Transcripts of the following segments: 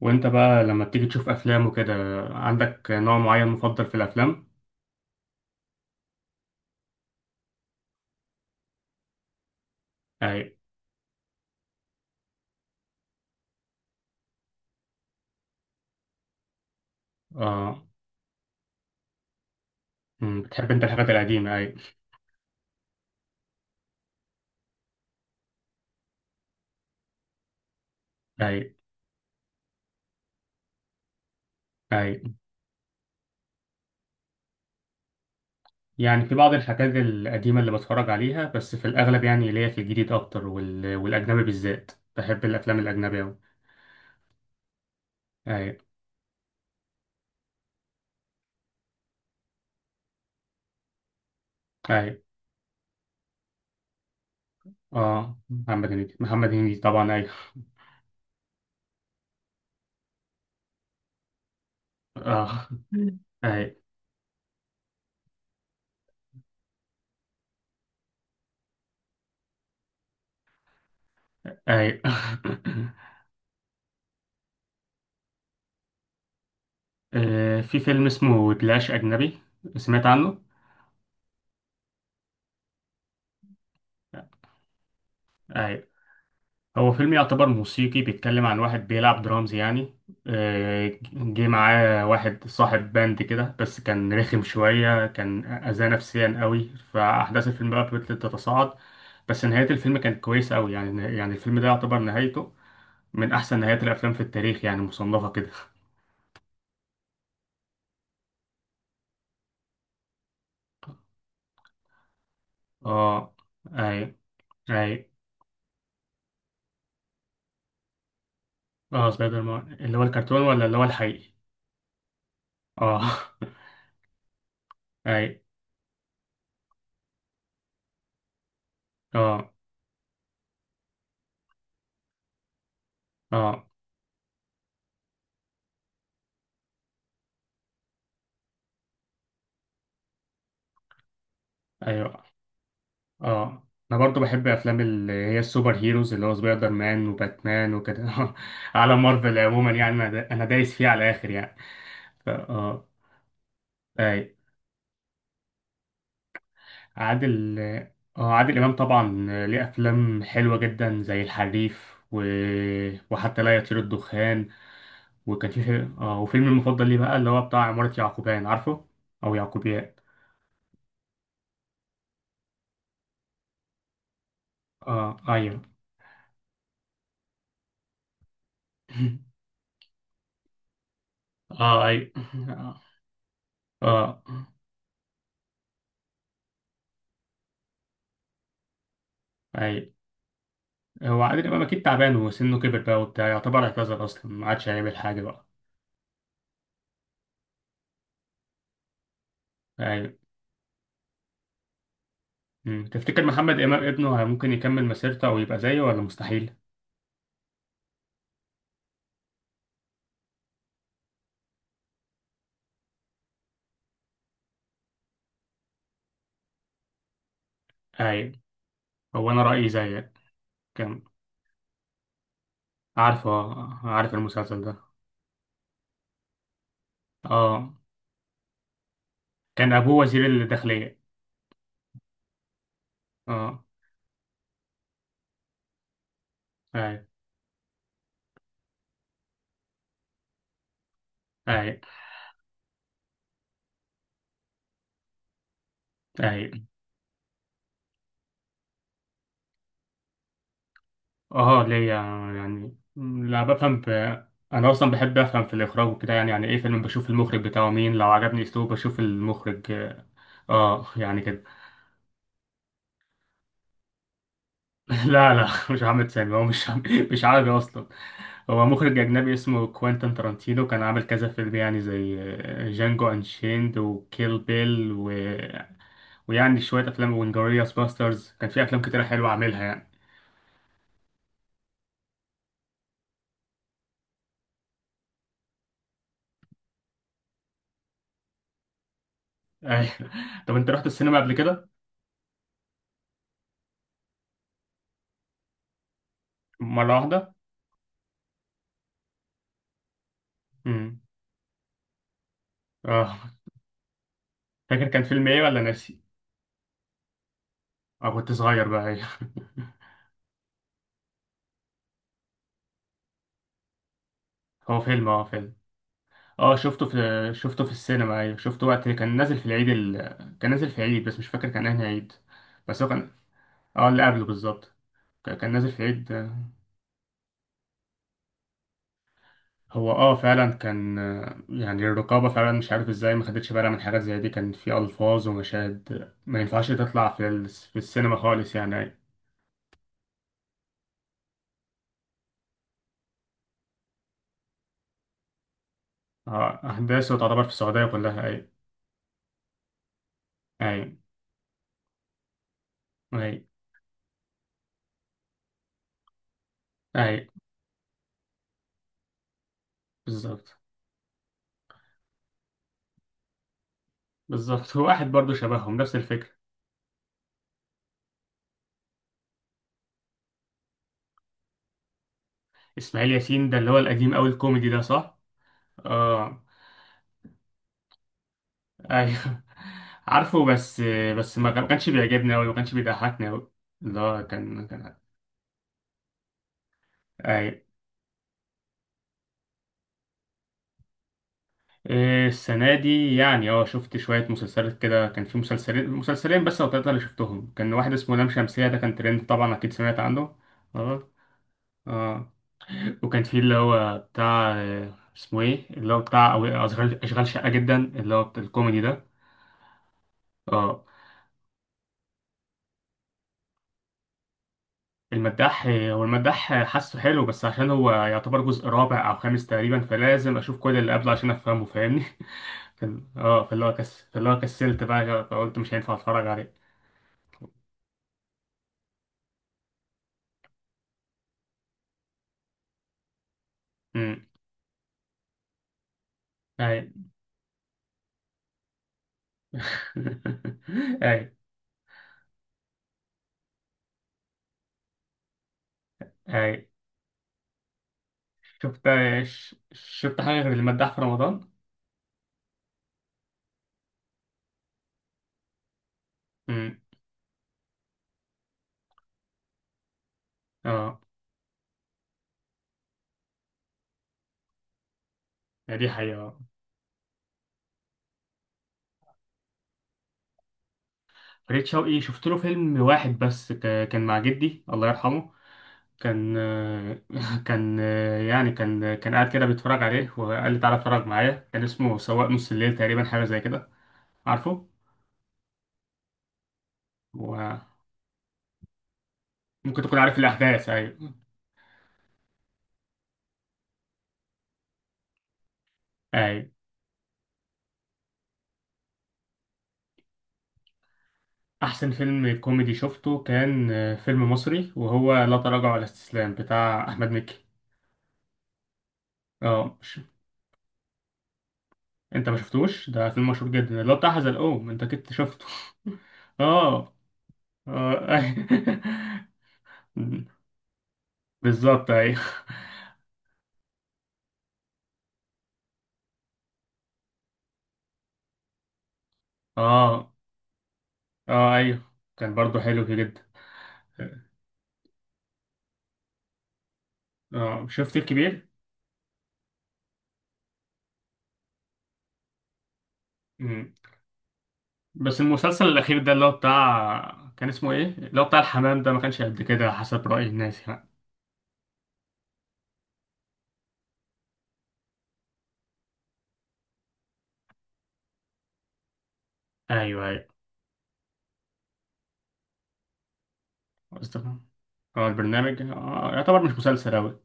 وانت بقى لما بتيجي تشوف افلام وكده، عندك نوع معين مفضل في الافلام؟ اي. اه. بتحب انت الحاجات القديمه؟ اي، اي، اي. يعني في بعض الحاجات القديمه اللي بتفرج عليها، بس في الاغلب يعني ليا في الجديد اكتر وال... والاجنبي بالذات. بحب الافلام الاجنبيه أوي. اي، اي. اه، محمد هنيدي محمد هنيدي طبعا، اي. اه، اي، اي. في فيلم اسمه دلاش اجنبي، سمعت عنه؟ اي. هو فيلم يعتبر موسيقي، بيتكلم عن واحد بيلعب درامز يعني. جه معاه واحد صاحب باند كده، بس كان رخم شوية، كان أذاه نفسيا قوي، فأحداث الفيلم بقى فضلت تتصاعد. بس نهاية الفيلم كانت كويسة قوي، يعني الفيلم ده يعتبر نهايته من أحسن نهايات الأفلام في التاريخ يعني، مصنفة كده. اه، أي، أي. اه، سبايدر مان اللي هو الكرتون ولا اللي هو الحقيقي؟ اه. أي، اه، اه، أيوه، اه. انا برضو بحب افلام اللي هي السوبر هيروز، اللي هو سبايدر مان وباتمان وكده. على مارفل عموما، يعني انا دايس فيه على الاخر يعني. ف- اه اي. عادل اه عادل امام طبعا. ليه افلام حلوه جدا زي الحريف وحتى لا يطير الدخان. وكان في فيلم- اه وفيلم المفضل ليه بقى اللي هو بتاع عمارة يعقوبيان، عارفه؟ او يعقوبيان. اه، ايوه. اه، ايوه. اه، ايوه. هو عادل امام اكيد تعبان وسنه كبر بقى وبتاع، يعتبر اعتذر اصلا ما عادش هيعمل حاجه بقى. ايوه. تفتكر محمد امام ابنه ممكن يكمل مسيرته او يبقى زيه ولا مستحيل؟ ايوه. هو انا رايي زيك. كان. عارف المسلسل ده. اه، كان ابوه وزير الداخليه. اه، ايوه، ايوه، ايوه. اه، ليا. يعني لا، بفهم انا اصلا بحب افهم في الاخراج وكده، يعني يعني ايه فيلم، بشوف المخرج بتاعه مين، لو عجبني اسلوبه بشوف المخرج. اه، يعني كده. لا، لا. مش محمد سامي. هو مش عربي اصلا. هو مخرج اجنبي اسمه كوينتن ترانتينو، كان عامل كذا فيلم يعني، زي جانجو انشيند وكيل بيل ويعني شويه افلام وانجرياس باسترز، كان في افلام كتيره حلوه عاملها يعني. أيوة. طب انت رحت السينما قبل كده؟ مره واحده. امم اه فاكر كان فيلم ايه ولا ناسي؟ اه، كنت صغير بقى، أيوة. هو فيلم. اه، شفته في السينما، ايوه، شفته وقت كان نازل في العيد كان نازل في العيد، بس مش فاكر كان انهي عيد. بس هو كان اه اللي قبله بالظبط. كان نازل في العيد. هو فعلا كان، يعني الرقابة فعلا مش عارف ازاي ما خدتش بالها من حاجات زي دي، كان في ألفاظ ومشاهد ما ينفعش تطلع في السينما خالص يعني، ايوه. اه، أحداثه تعتبر في السعودية كلها، ايوه. ايوه، ايوه، ايوه. بالظبط. بالظبط. هو واحد برضه شبههم، نفس الفكرة. إسماعيل ياسين ده اللي هو القديم أوي الكوميدي ده، صح؟ اه، ايوه. عارفه بس، ما كانش بيعجبني أوي، ما كانش بيضحكني أوي. اللي هو كان. أي. إيه، السنة دي يعني شفت شوية مسلسلات كده، كان في مسلسلين مسلسلين بس أو تلاتة اللي شفتهم، كان واحد اسمه لام شمسية ده كان ترند، طبعا أكيد سمعت عنه. اه، اه. وكان في اللي هو بتاع، اسمه ايه، اللي هو بتاع أشغال شقة جدا، اللي هو بتاع الكوميدي ده. اه. المداح حاسه حلو، بس عشان هو يعتبر جزء رابع او خامس تقريبا، فلازم اشوف كل اللي قبله عشان افهمه، فاهمني؟ فاللي هو كسلت بقى، فقلت مش هينفع اتفرج عليه. امم. اي. اي، اي. شفت شفت حاجه غير المداح في رمضان؟ امم. اه، دي حقيقه. فريد شوقي شفت له فيلم واحد بس، كان مع جدي الله يرحمه. كان. كان يعني، كان قاعد كده بيتفرج عليه، وقال لي تعالى اتفرج معايا، كان اسمه سواق نص الليل تقريبا، حاجة زي كده، عارفه؟ وممكن تكون عارف الأحداث، أيوة. أيوة. أحسن فيلم كوميدي شفته كان فيلم مصري، وهو لا تراجع ولا استسلام بتاع أحمد مكي. اه، مش... أنت ما شفتوش ده؟ فيلم مشهور جدا اللي هو بتاع حزلقوم، أنت كنت شفته؟ اه، اه. بالظبط، أيوة. اه، اه، ايوه، كان برضو حلو كده جدا. اه، شفت الكبير. مم. بس المسلسل الاخير ده اللي هو بتاع، كان اسمه ايه، اللي هو بتاع الحمام ده، ما كانش قد كده حسب رأي الناس يعني. ايوه، ايوه. قصدك، اه، البرنامج يعتبر مش مسلسل اوي،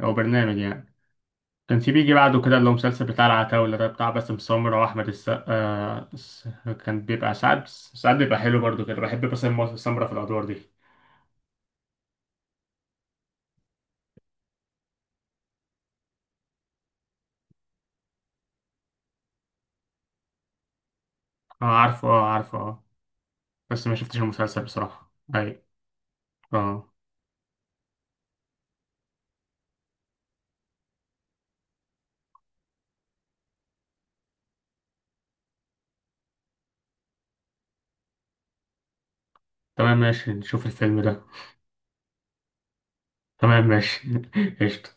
هو برنامج يعني. كان في بيجي بعده كده اللي هو مسلسل بتاع العتاولة ده، بتاع باسم سمرة واحمد السقا، كان بيبقى ساعات ساعات بيبقى حلو برضو كده، بحب باسم سمرة في الادوار دي. اه، عارفه، اه، عارفه، اه. بس ما شفتش المسلسل بصراحة، ايوه. اه، تمام، ماشي نشوف الفيلم ده. تمام ماشي. قشطة.